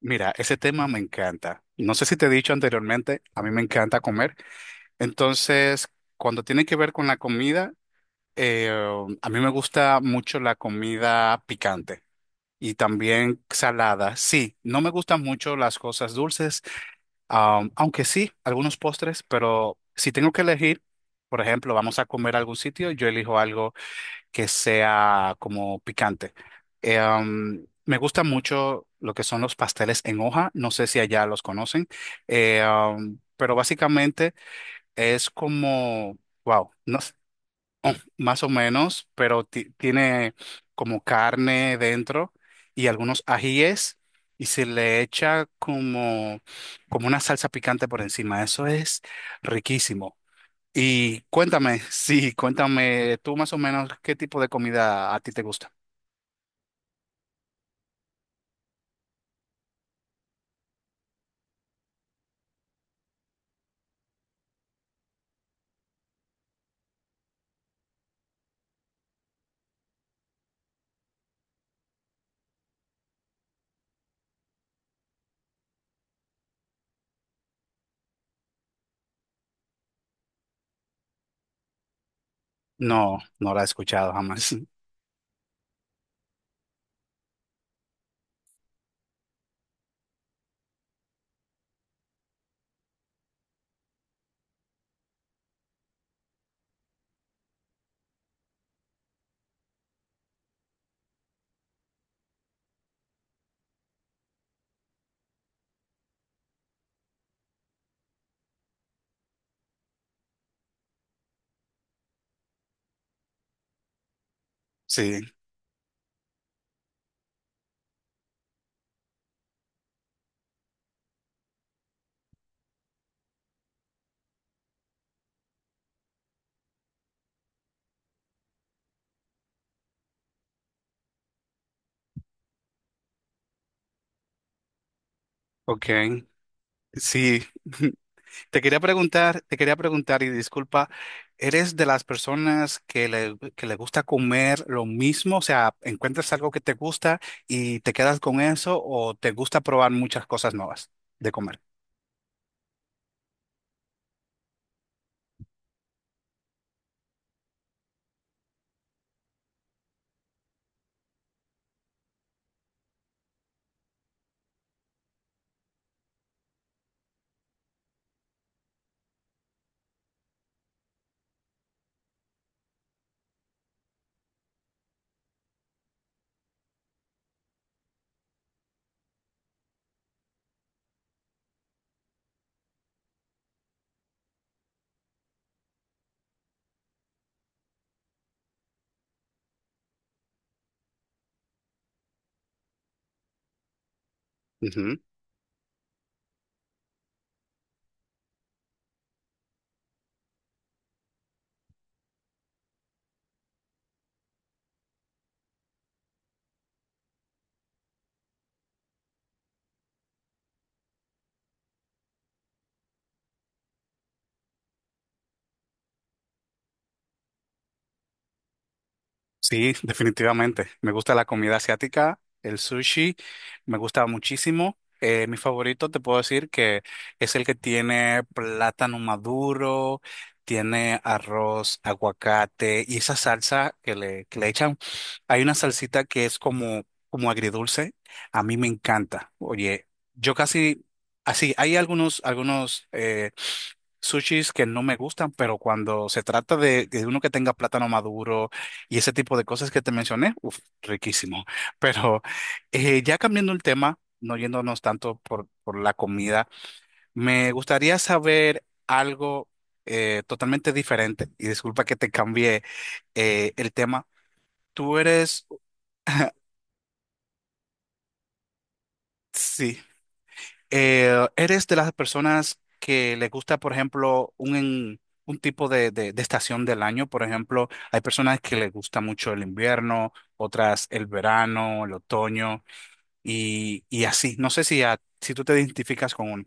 Mira, ese tema me encanta. No sé si te he dicho anteriormente, a mí me encanta comer. Entonces, cuando tiene que ver con la comida, eh, a mí me gusta mucho la comida picante y también salada. Sí, no me gustan mucho las cosas dulces, aunque sí, algunos postres, pero si tengo que elegir, por ejemplo, vamos a comer a algún sitio, yo elijo algo que sea como picante. Me gusta mucho lo que son los pasteles en hoja, no sé si allá los conocen. Pero básicamente es como, wow, no s- más o menos, pero tiene como carne dentro y algunos ajíes y se le echa como, como una salsa picante por encima. Eso es riquísimo. Y cuéntame, sí, cuéntame tú más o menos qué tipo de comida a ti te gusta. No, no la he escuchado jamás. Sí, ok, sí. Te quería preguntar y disculpa, ¿eres de las personas que que le gusta comer lo mismo? O sea, ¿encuentras algo que te gusta y te quedas con eso o te gusta probar muchas cosas nuevas de comer? Sí, definitivamente. Me gusta la comida asiática, el sushi, me gusta muchísimo. Mi favorito, te puedo decir que es el que tiene plátano maduro, tiene arroz, aguacate y esa salsa que le echan. Hay una salsita que es como, como agridulce. A mí me encanta. Oye, yo casi, así, hay algunos, algunos, sushis que no me gustan, pero cuando se trata de uno que tenga plátano maduro, y ese tipo de cosas que te mencioné, uf, riquísimo. Pero ya cambiando el tema, no yéndonos tanto por la comida, me gustaría saber algo totalmente diferente. Y disculpa que te cambié el tema. Tú eres, sí, ¿eres de las personas que le gusta, por ejemplo, un tipo de, de estación del año? Por ejemplo, hay personas que les gusta mucho el invierno, otras el verano, el otoño, y así. No sé si, si tú te identificas con uno.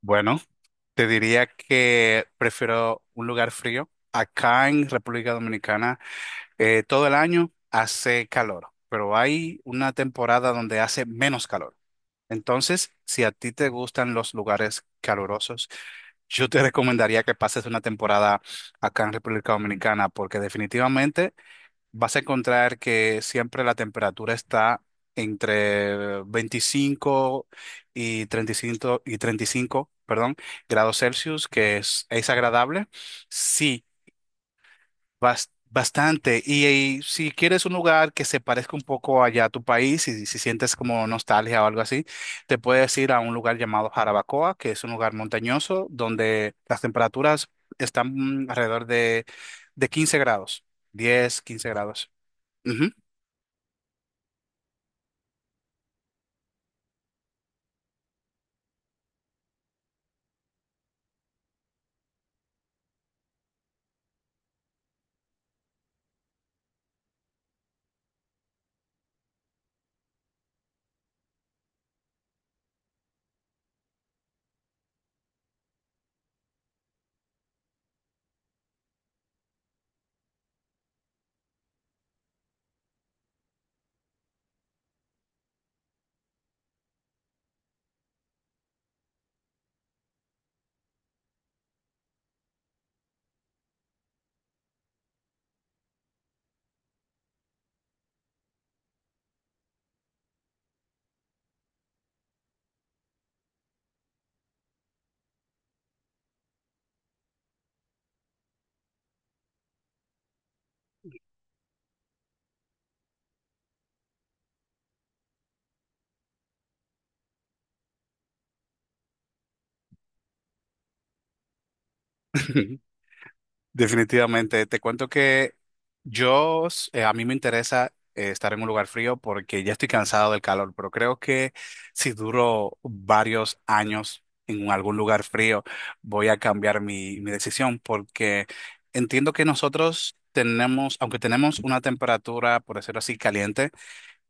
Bueno, te diría que prefiero un lugar frío. Acá en República Dominicana, todo el año hace calor, pero hay una temporada donde hace menos calor. Entonces, si a ti te gustan los lugares calurosos, yo te recomendaría que pases una temporada acá en República Dominicana, porque definitivamente vas a encontrar que siempre la temperatura está entre 25 y 35, y 35, perdón, grados Celsius, que es agradable. Sí, bastante. Y si quieres un lugar que se parezca un poco allá a tu país, y si sientes como nostalgia o algo así, te puedes ir a un lugar llamado Jarabacoa, que es un lugar montañoso donde las temperaturas están mm, alrededor de 15 grados, 10, 15 grados. Definitivamente, te cuento que yo, a mí me interesa estar en un lugar frío porque ya estoy cansado del calor, pero creo que si duro varios años en algún lugar frío, voy a cambiar mi, mi decisión porque entiendo que nosotros tenemos, aunque tenemos una temperatura, por decirlo así, caliente,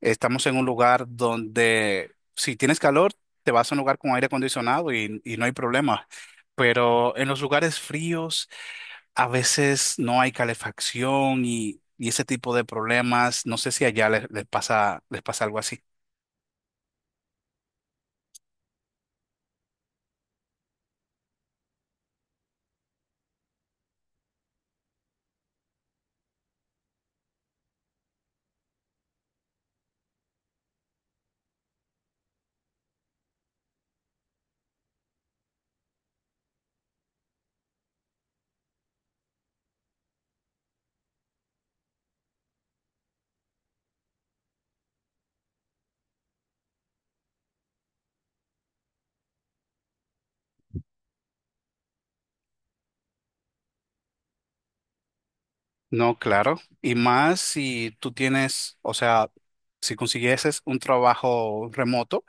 estamos en un lugar donde si tienes calor, te vas a un lugar con aire acondicionado y no hay problema, pero en los lugares fríos a veces no hay calefacción y ese tipo de problemas. No sé si allá les, les pasa algo así. No, claro. Y más si tú tienes, o sea, si consiguieses un trabajo remoto,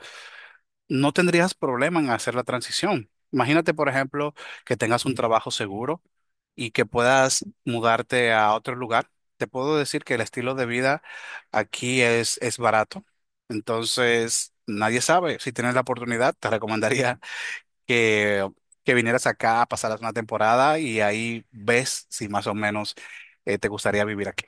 no tendrías problema en hacer la transición. Imagínate, por ejemplo, que tengas un trabajo seguro y que puedas mudarte a otro lugar. Te puedo decir que el estilo de vida aquí es barato. Entonces, nadie sabe. Si tienes la oportunidad, te recomendaría que, que vinieras acá, pasaras una temporada y ahí ves si más o menos te gustaría vivir aquí.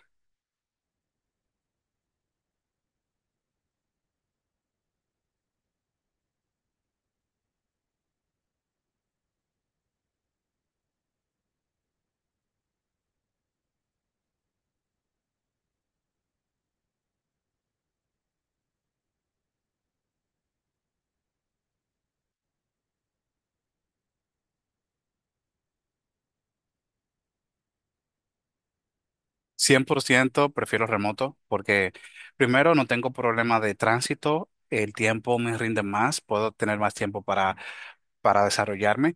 Cien por ciento prefiero remoto porque primero no tengo problema de tránsito, el tiempo me rinde más, puedo tener más tiempo para desarrollarme.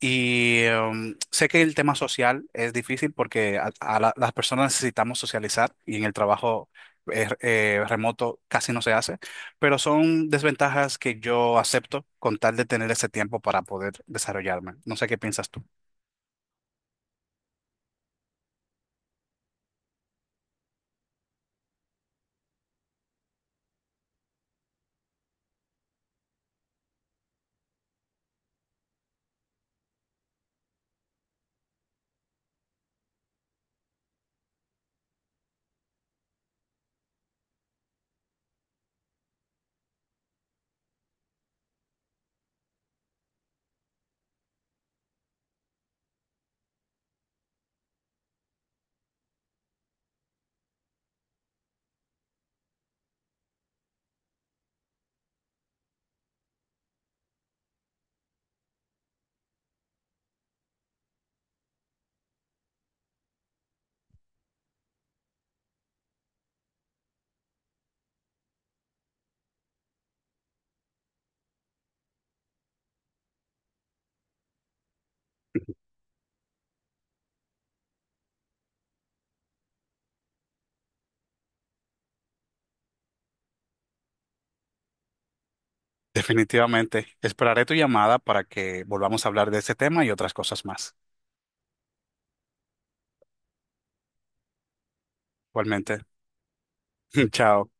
Y sé que el tema social es difícil porque las personas necesitamos socializar y en el trabajo remoto casi no se hace, pero son desventajas que yo acepto con tal de tener ese tiempo para poder desarrollarme. No sé qué piensas tú. Definitivamente. Esperaré tu llamada para que volvamos a hablar de este tema y otras cosas más. Igualmente. Chao.